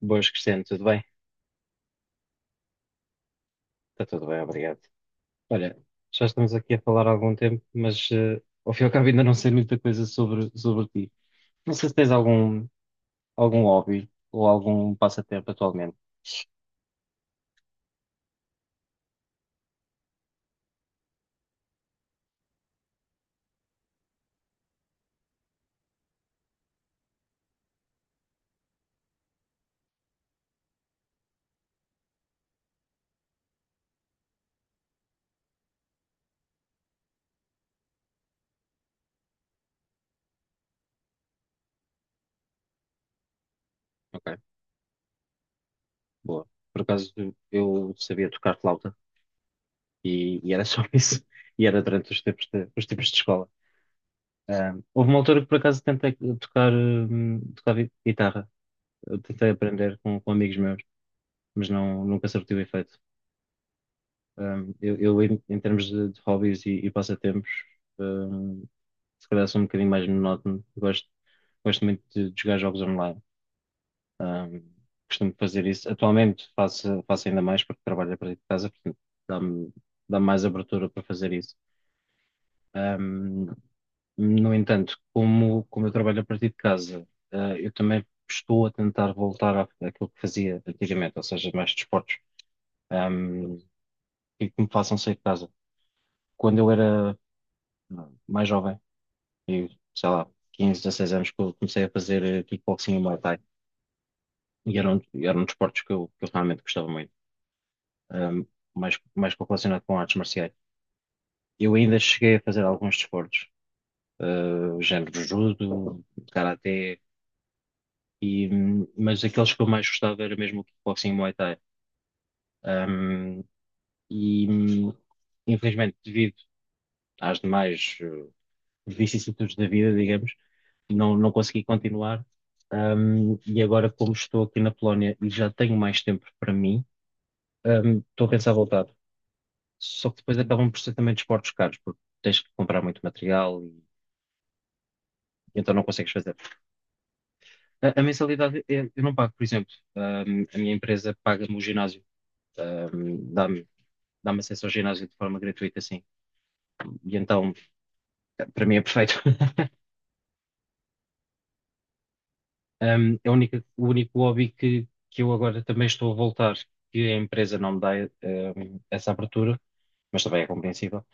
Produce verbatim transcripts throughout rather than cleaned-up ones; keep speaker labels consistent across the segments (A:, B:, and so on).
A: Boas, Cristiano, tudo bem? Está tudo bem, obrigado. Olha, já estamos aqui a falar há algum tempo, mas eh, ao fim e ao cabo ainda não sei muita coisa sobre, sobre ti. Não sei se tens algum, algum hobby ou algum passatempo atualmente. Ok, boa. Por acaso eu sabia tocar flauta e, e era só isso. E era durante os tempos de, os tempos de escola. Ah, houve uma altura que por acaso tentei tocar, hum, tocar gui- guitarra. Eu tentei aprender com, com amigos meus, mas não, nunca surtiu efeito. Um, eu, eu, em, em termos de, de hobbies e, e passatempos, um, se calhar sou um bocadinho mais monótono. Gosto, gosto muito de, de jogar jogos online. Um, costumo fazer isso. Atualmente faço, faço ainda mais porque trabalho a partir de casa, portanto dá-me dá-me mais abertura para fazer isso. Um, no entanto, como, como eu trabalho a partir de casa, eh, eu também estou a tentar voltar à- àquilo que fazia antigamente, ou seja, mais desportos, ehm, e que me façam sair de casa. Quando eu era ah, mais jovem, eu, sei lá, quinze dezasseis anos que eu comecei a fazer eh, kickboxing e Muay Thai. E eram, eram desportos que eu, que eu realmente gostava muito. Ahm, mais, mais correlacionado com artes marciais. Eu ainda cheguei a fazer alguns desportos, eh, género judo, karaté, e, hum, mas aqueles que eu mais gostava era mesmo o kickboxing e Muay Thai. Ahm, e, hum, infelizmente, devido às demais, eh, vicissitudes da vida, digamos, não, não consegui continuar. Um, e agora, como estou aqui na Polónia e já tenho mais tempo para mim, um, estou a pensar voltar. Só que depois acabam por ser também desportos caros, porque tens que comprar muito material e, e então não consegues fazer. A, a mensalidade é- eu não pago, por exemplo. Um, a minha empresa paga-me o ginásio, um, dá-me dá-me acesso ao ginásio de forma gratuita, assim. E então, para mim é perfeito. Um, é a única- o único hobby que, que eu agora também estou a voltar, que a empresa não me dá, um, essa abertura, mas também é compreensível,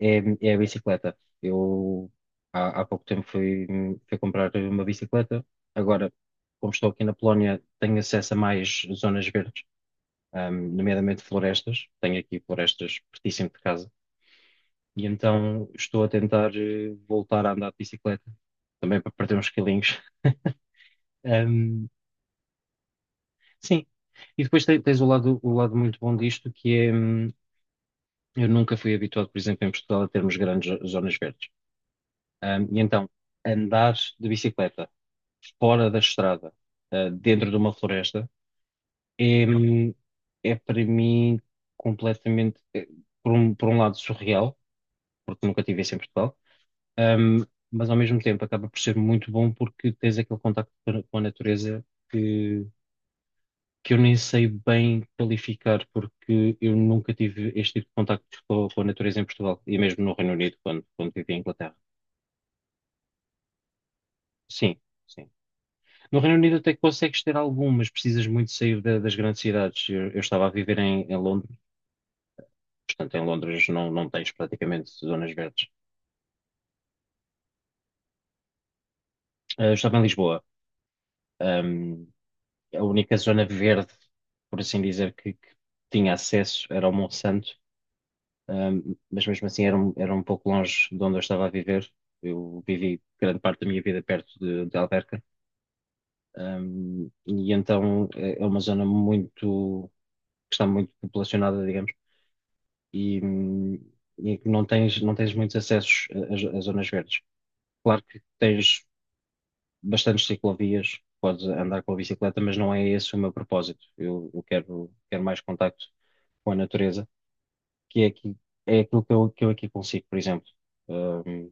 A: é, é a bicicleta. Eu há, há pouco tempo fui, fui comprar uma bicicleta, agora, como estou aqui na Polónia, tenho acesso a mais zonas verdes, um, nomeadamente florestas, tenho aqui florestas pertíssimo de casa, e então estou a tentar eh, voltar a andar de bicicleta, também para perder uns quilinhos. Sim. E depois te- tens o lado, o lado muito bom disto, que é, hum, eu nunca fui habituado, por exemplo, em Portugal, a termos grandes zo- zonas verdes. Hum, e então, andar de bicicleta fora da estrada, ah, dentro de uma floresta, é, hum, é para mim completamente, eh, por um, por um lado, surreal, porque nunca tive isso em Portugal, hum, mas ao mesmo tempo acaba por ser muito bom porque tens aquele contacto com a com a natureza que eu nem sei bem qualificar, porque eu nunca tive este tipo de contacto com, com a natureza em Portugal e mesmo no Reino Unido, quando, quando vivi em Inglaterra. Sim, sim. No Reino Unido até que consegues ter algum, mas precisas muito sair da- das grandes cidades. Eu, eu estava a viver em, em Londres, portanto, em Londres não, não tens praticamente zonas verdes. Ah, eu estava em Lisboa. Ahm, a única zona verde, por assim dizer, que, que tinha acesso era ao Monsanto. Um, mas mesmo assim era um, era um pouco longe de onde eu estava a viver. Eu vivi grande parte da minha vida perto de, de Alverca. Um, e então é é uma zona muito, que está muito populacionada, digamos, e, hum, e que não tens, não tens muitos acessos a, a- a zonas verdes. Claro que tens bastantes ciclovias, podes andar com a bicicleta, mas não é esse o meu propósito. Eu, eu quero, quero mais contacto com a natureza que é, aqui, é aquilo que eu, que eu aqui consigo, por exemplo. Ahm,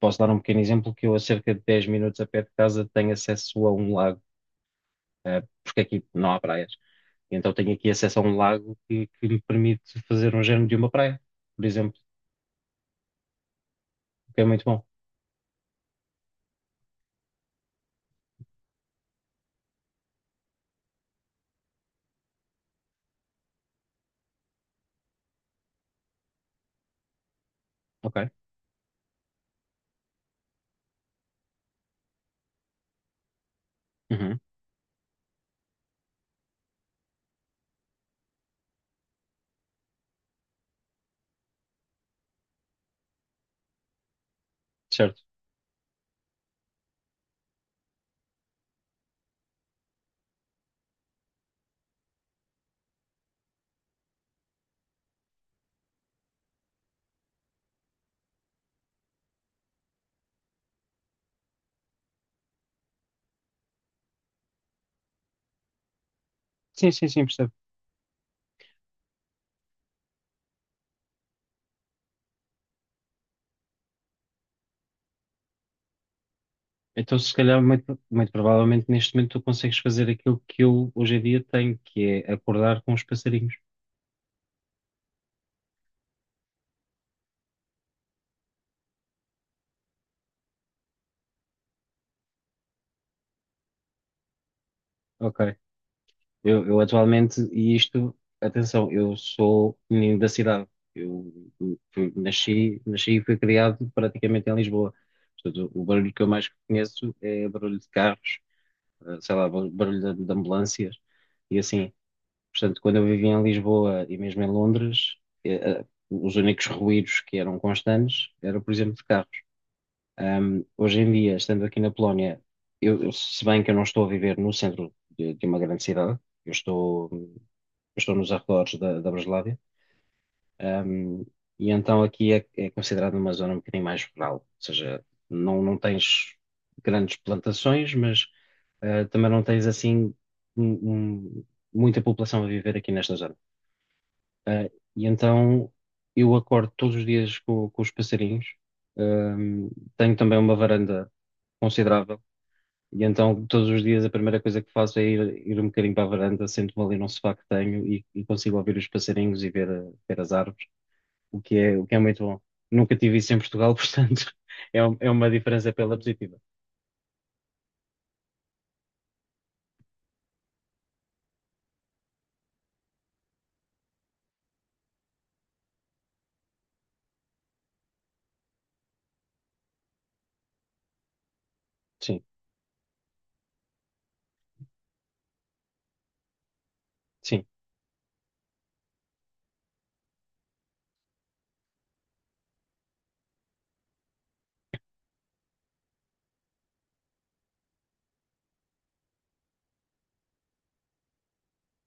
A: posso dar um pequeno exemplo que eu, a cerca de dez minutos a pé de casa, tenho acesso a um lago, eh, porque aqui não há praias. Então tenho aqui acesso a um lago que, que me permite fazer um género de uma praia, por exemplo, o que é muito bom. Ok? Uhum. Certo. Sim, sim, sim, percebo. Então, se calhar, muito, muito provavelmente neste momento tu consegues fazer aquilo que eu hoje em dia tenho, que é acordar com os passarinhos. Ok. Eu, eu atualmente, e isto, atenção, eu sou menino da cidade. Eu fui- nasci, nasci e fui criado praticamente em Lisboa. Portanto, o barulho que eu mais conheço é barulho de carros, eh, sei lá, bar- barulho de, de ambulâncias e assim. Portanto, quando eu vivia em Lisboa e mesmo em Londres, eh, eh, os únicos ruídos que eram constantes era, por exemplo, de carros. Um, hoje em dia, estando aqui na Polónia, eu, eu- se bem que eu não estou a viver no centro de, de uma grande cidade, eu estou, eu estou nos arredores da, da Breslávia, um, e então aqui é, é considerado uma zona um bocadinho mais rural, ou seja, não, não tens grandes plantações, mas uh, também não tens assim um- um- muita população a viver aqui nesta zona. E então eu acordo todos os dias com, com os passarinhos, um, tenho também uma varanda considerável. E então, todos os dias, a primeira coisa que faço é ir, ir um bocadinho para a varanda, sento-me ali num sofá que tenho e, e consigo ouvir os passarinhos e ver, a- ver as árvores, o que é, o que é muito bom. Nunca tive isso em Portugal, portanto, é, um- é uma diferença pela positiva. Sim, sim.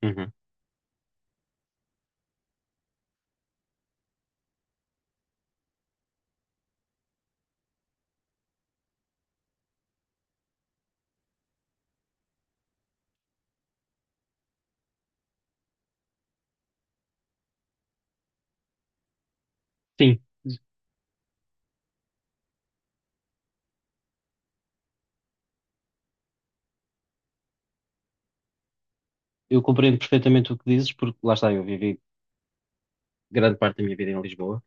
A: Uhum. Sim, eu compreendo perfeitamente o que dizes, porque lá está, eu vivi grande parte da minha vida em Lisboa,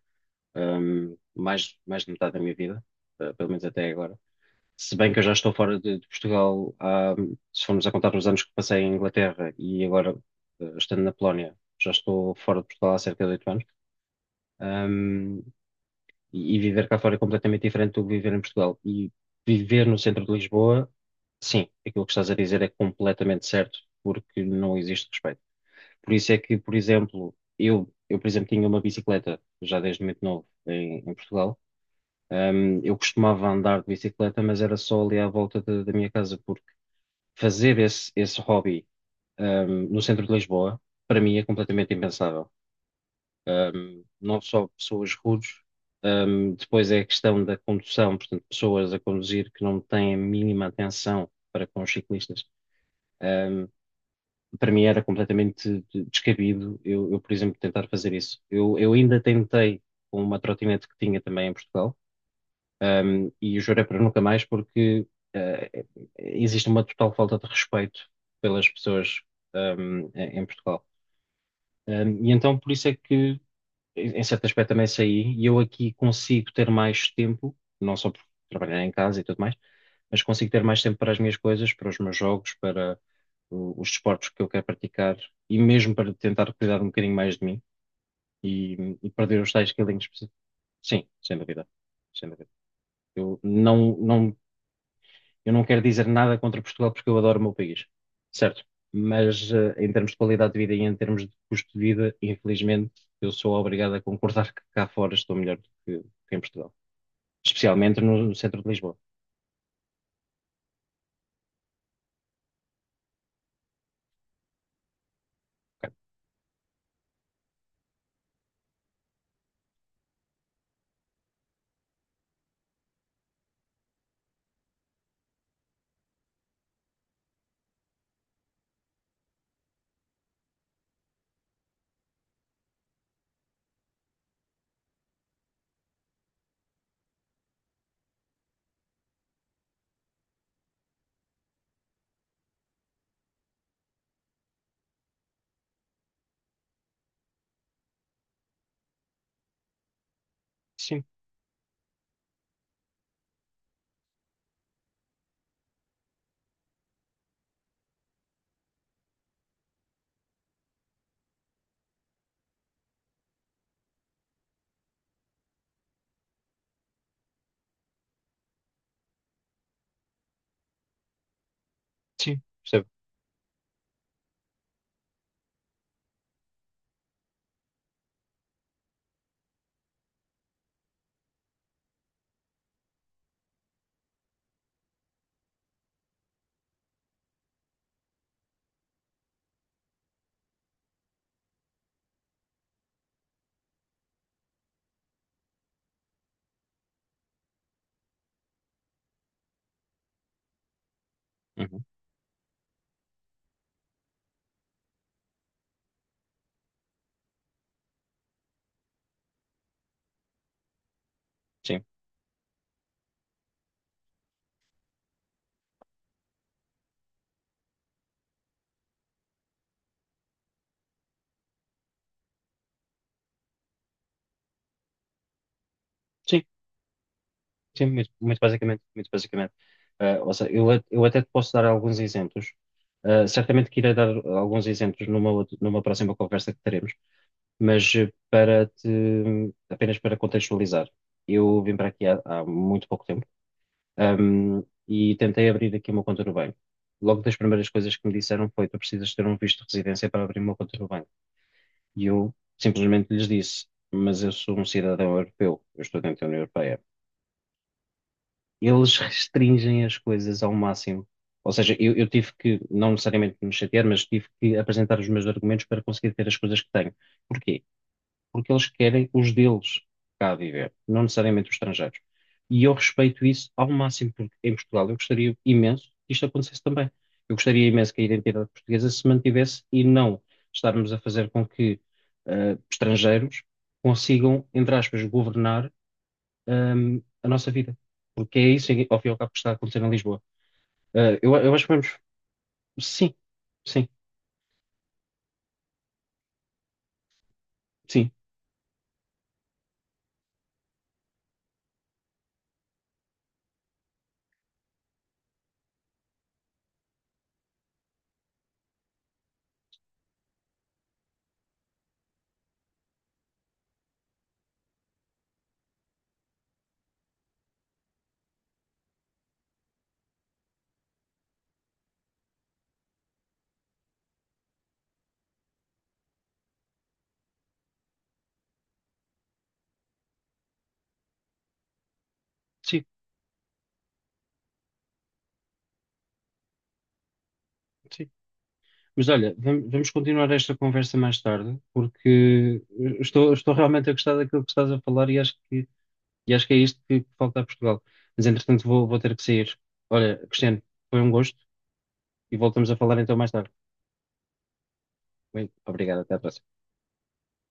A: hum, mais, mais de metade da minha vida, eh, pelo menos até agora. Se bem que eu já estou fora de, de Portugal, há, se formos a contar os anos que passei em Inglaterra e agora eh, estando na Polónia, já estou fora de Portugal há cerca de oito anos. Ahm, e, e viver cá fora é completamente diferente do que viver em Portugal. E viver no centro de Lisboa, sim, aquilo que estás a dizer é completamente certo, porque não existe respeito. Por isso é que, por exemplo, eu, eu, por exemplo, tinha uma bicicleta já desde muito novo em, em Portugal. Ahm, eu costumava andar de bicicleta, mas era só ali à volta da da minha casa, porque fazer esse, esse hobby, ahm, no centro de Lisboa, para mim é completamente impensável. Ahm, não só pessoas rudes, ahm, depois é a questão da condução, portanto, pessoas a conduzir que não têm a mínima atenção para com os ciclistas. Ahm, para mim era completamente de- descabido eu, eu, por exemplo, tentar fazer isso. Eu, eu ainda tentei com uma trotinete que tinha também em Portugal um, e o juro é para nunca mais porque uh, existe uma total falta de respeito pelas pessoas um, em em Portugal. Um, e então por isso é que, em em certo aspecto, também saí e eu aqui consigo ter mais tempo, não só por trabalhar em casa e tudo mais, mas consigo ter mais tempo para as minhas coisas, para os meus jogos, para o- os desportos que eu quero praticar e mesmo para tentar cuidar um bocadinho mais de mim e, e perder os tais quilinhos. Sim, sem dúvida. Sem dúvida. Eu não, não Eu não quero dizer nada contra Portugal porque eu adoro o meu país, certo? Mas eh, em termos de qualidade de vida e em termos de custo de vida, infelizmente, eu sou obrigado a concordar que cá fora estou melhor do que, que em Portugal, especialmente no, no centro de Lisboa. Ok. Sim, sim, percebo. Uhum. Sim, sim, sim, muito, muito basicamente, muito basicamente. Eh, ou seja, eu, a- eu até te posso dar alguns exemplos. Eh, certamente que irei dar alguns exemplos numa, outra- numa próxima conversa que teremos. Mas eh, para te, apenas para contextualizar, eu vim para aqui há, há muito pouco tempo, ahm, e tentei abrir aqui uma conta no banco. Logo das primeiras coisas que me disseram foi: tu precisas ter um visto de residência para abrir uma conta no banco. E eu simplesmente lhes disse: mas eu sou um cidadão europeu, eu estou dentro da União Europeia. Eles restringem as coisas ao máximo. Ou seja, eu, eu tive que, não necessariamente me chatear, mas tive que apresentar os meus argumentos para conseguir ter as coisas que tenho. Porquê? Porque eles querem os deles cá a viver, não necessariamente os estrangeiros. E eu respeito isso ao máximo, porque em Portugal eu gostaria imenso que isto acontecesse também. Eu gostaria imenso que a identidade portuguesa se mantivesse e não estarmos a fazer com que eh, estrangeiros consigam, entre aspas, governar hum, a nossa vida. Porque é isso, ao fim e ao cabo, que está a acontecer em Lisboa. Eh, eu, eu acho que vamos. Sim, sim, sim, sim, sim. Mas olha, vam- vamos continuar esta conversa mais tarde, porque estou, estou realmente a gostar daquilo que estás a falar e acho que, e acho que é isto que falta a Portugal. Mas entretanto vou, vou ter que sair. Olha, Cristiano, foi um gosto e voltamos a falar então mais tarde. Bem, obrigado, até à próxima.